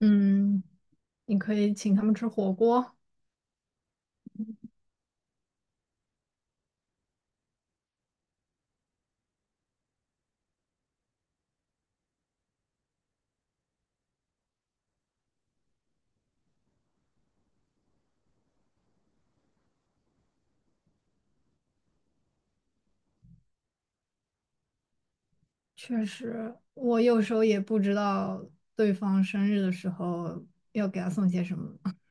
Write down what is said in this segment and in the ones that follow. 嗯，你可以请他们吃火锅。确实，我有时候也不知道对方生日的时候要给他送些什么。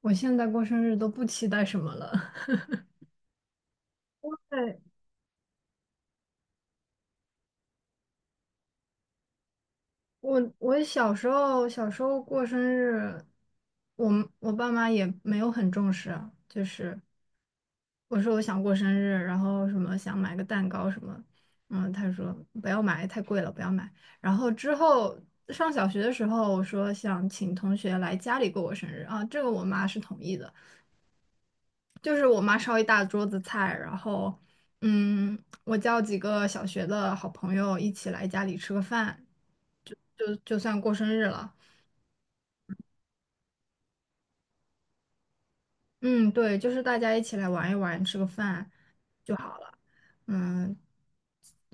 我现在过生日都不期待什么了。对，我小时候过生日，我爸妈也没有很重视啊，就是我说我想过生日，然后什么想买个蛋糕什么，他说不要买，太贵了，不要买。然后之后上小学的时候，我说想请同学来家里过我生日啊，这个我妈是同意的，就是我妈烧一大桌子菜，然后嗯，我叫几个小学的好朋友一起来家里吃个饭，就算过生日了。嗯，对，就是大家一起来玩一玩，吃个饭就好了。嗯，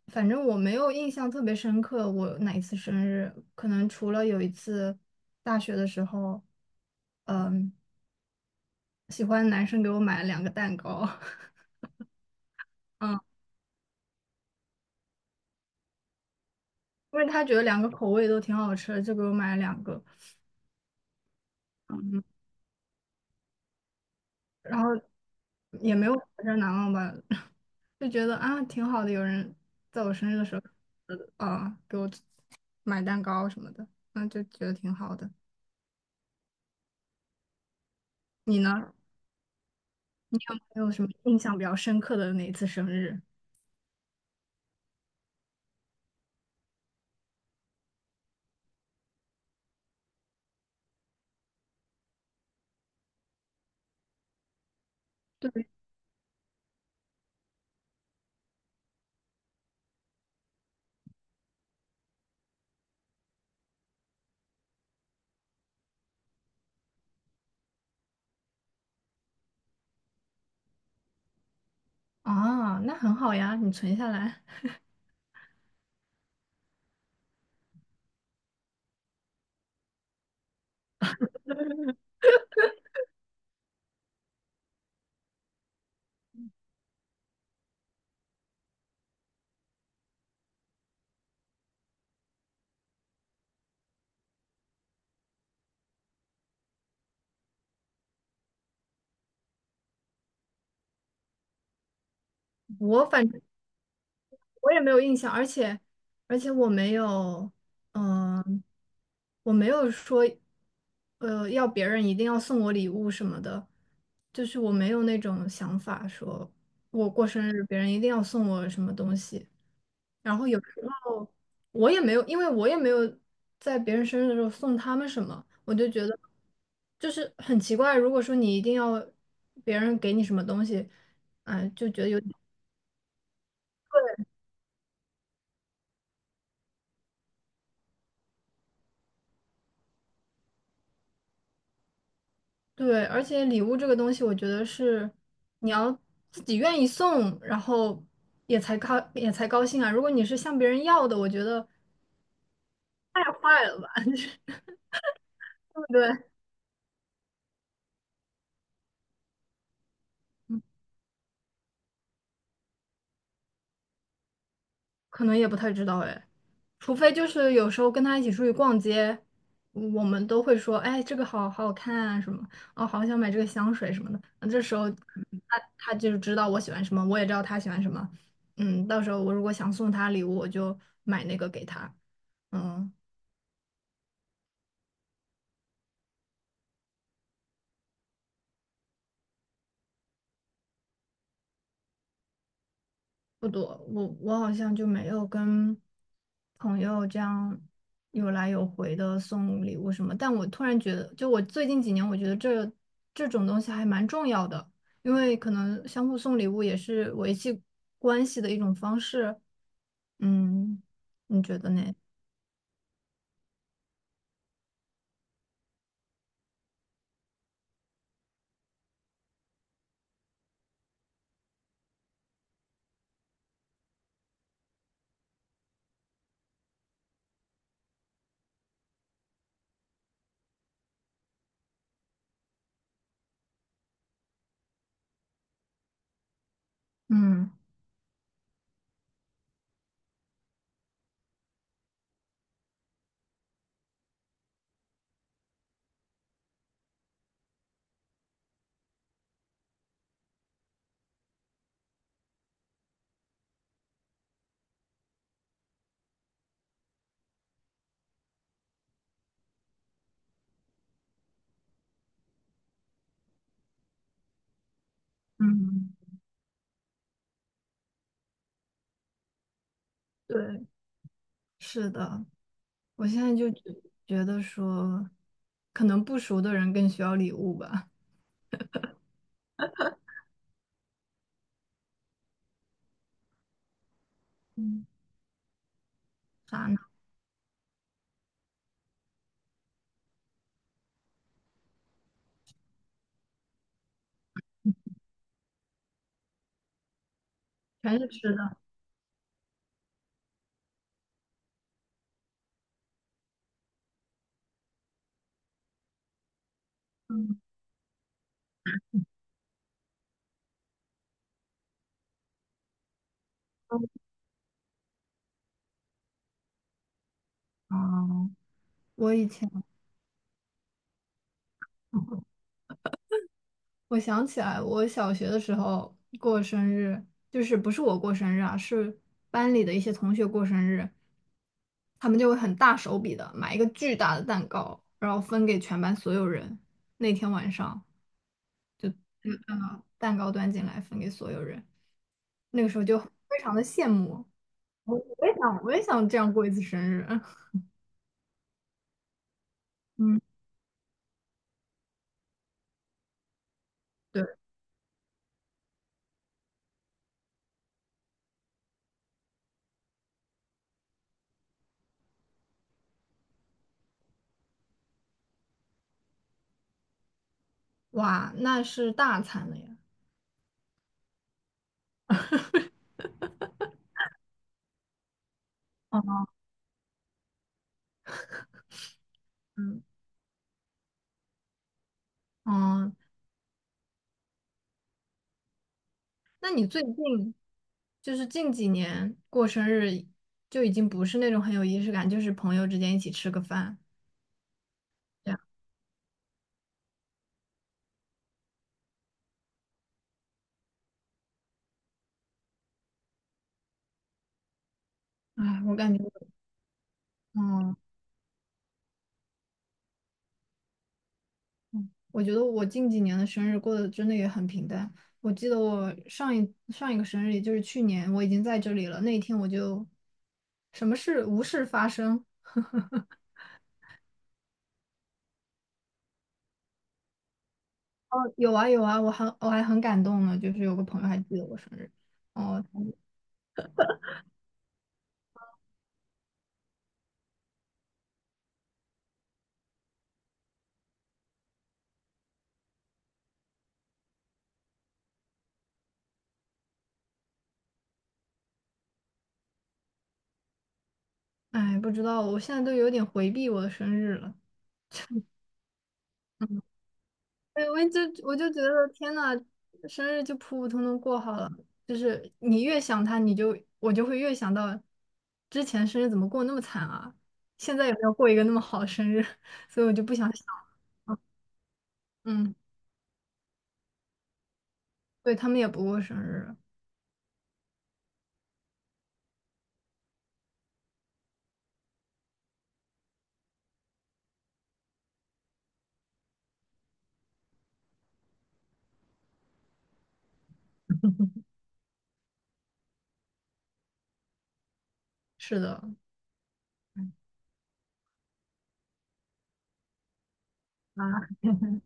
反正我没有印象特别深刻，我哪一次生日，可能除了有一次大学的时候，嗯，喜欢的男生给我买了两个蛋糕，嗯，因为他觉得两个口味都挺好吃的，就给我买了两个。嗯。然后也没有比较难忘吧，就觉得啊挺好的，有人在我生日的时候，呃给我买蛋糕什么的，那就觉得挺好的。你呢？你有没有什么印象比较深刻的哪一次生日？对啊，那很好呀，你存下来。我反正我也没有印象，而且我没有，嗯、我没有说，要别人一定要送我礼物什么的，就是我没有那种想法说我过生日别人一定要送我什么东西。然后有时候我也没有，因为我也没有在别人生日的时候送他们什么，我就觉得就是很奇怪。如果说你一定要别人给你什么东西，就觉得有。点。对，而且礼物这个东西，我觉得是你要自己愿意送，然后也才高兴啊。如果你是向别人要的，我觉得太坏了吧，就是对不对？可能也不太知道哎，除非就是有时候跟他一起出去逛街，我们都会说，哎，这个好好看啊什么，哦，好想买这个香水什么的。那这时候他就是知道我喜欢什么，我也知道他喜欢什么。嗯，到时候我如果想送他礼物，我就买那个给他。嗯。不多，我好像就没有跟朋友这样有来有回的送礼物什么。但我突然觉得，就我最近几年，我觉得这种东西还蛮重要的，因为可能相互送礼物也是维系关系的一种方式。嗯，你觉得呢？嗯嗯，对，是的，我现在觉得说，可能不熟的人更需要礼物吧。嗯，啥呢？全是吃的。嗯。嗯，我以前，我想起来，我小学的时候过生日，就是不是我过生日啊，是班里的一些同学过生日，他们就会很大手笔的买一个巨大的蛋糕，然后分给全班所有人。那天晚上，嗯，蛋糕端进来分给所有人，那个时候就非常的羡慕，我也想，我也想这样过一次生日。嗯，对，哇，那是大餐了呀。嗯嗯，那你最近？就是近几年过生日就已经不是那种很有仪式感，就是朋友之间一起吃个饭这样。哎，我感觉，嗯，嗯我觉得我近几年的生日过得真的也很平淡。我记得我上一个生日，也就是去年，我已经在这里了。那一天我就什么事无事发生。哦，有啊有啊，我还很感动呢，就是有个朋友还记得我生日。哦，哎，不知道，我现在都有点回避我的生日了。对，我就觉得天呐，生日就普普通通过好了。就是你越想他，我就会越想到之前生日怎么过那么惨啊，现在有没有过一个那么好的生日？所以我就不想想了。嗯，对，他们也不过生日，是的啊，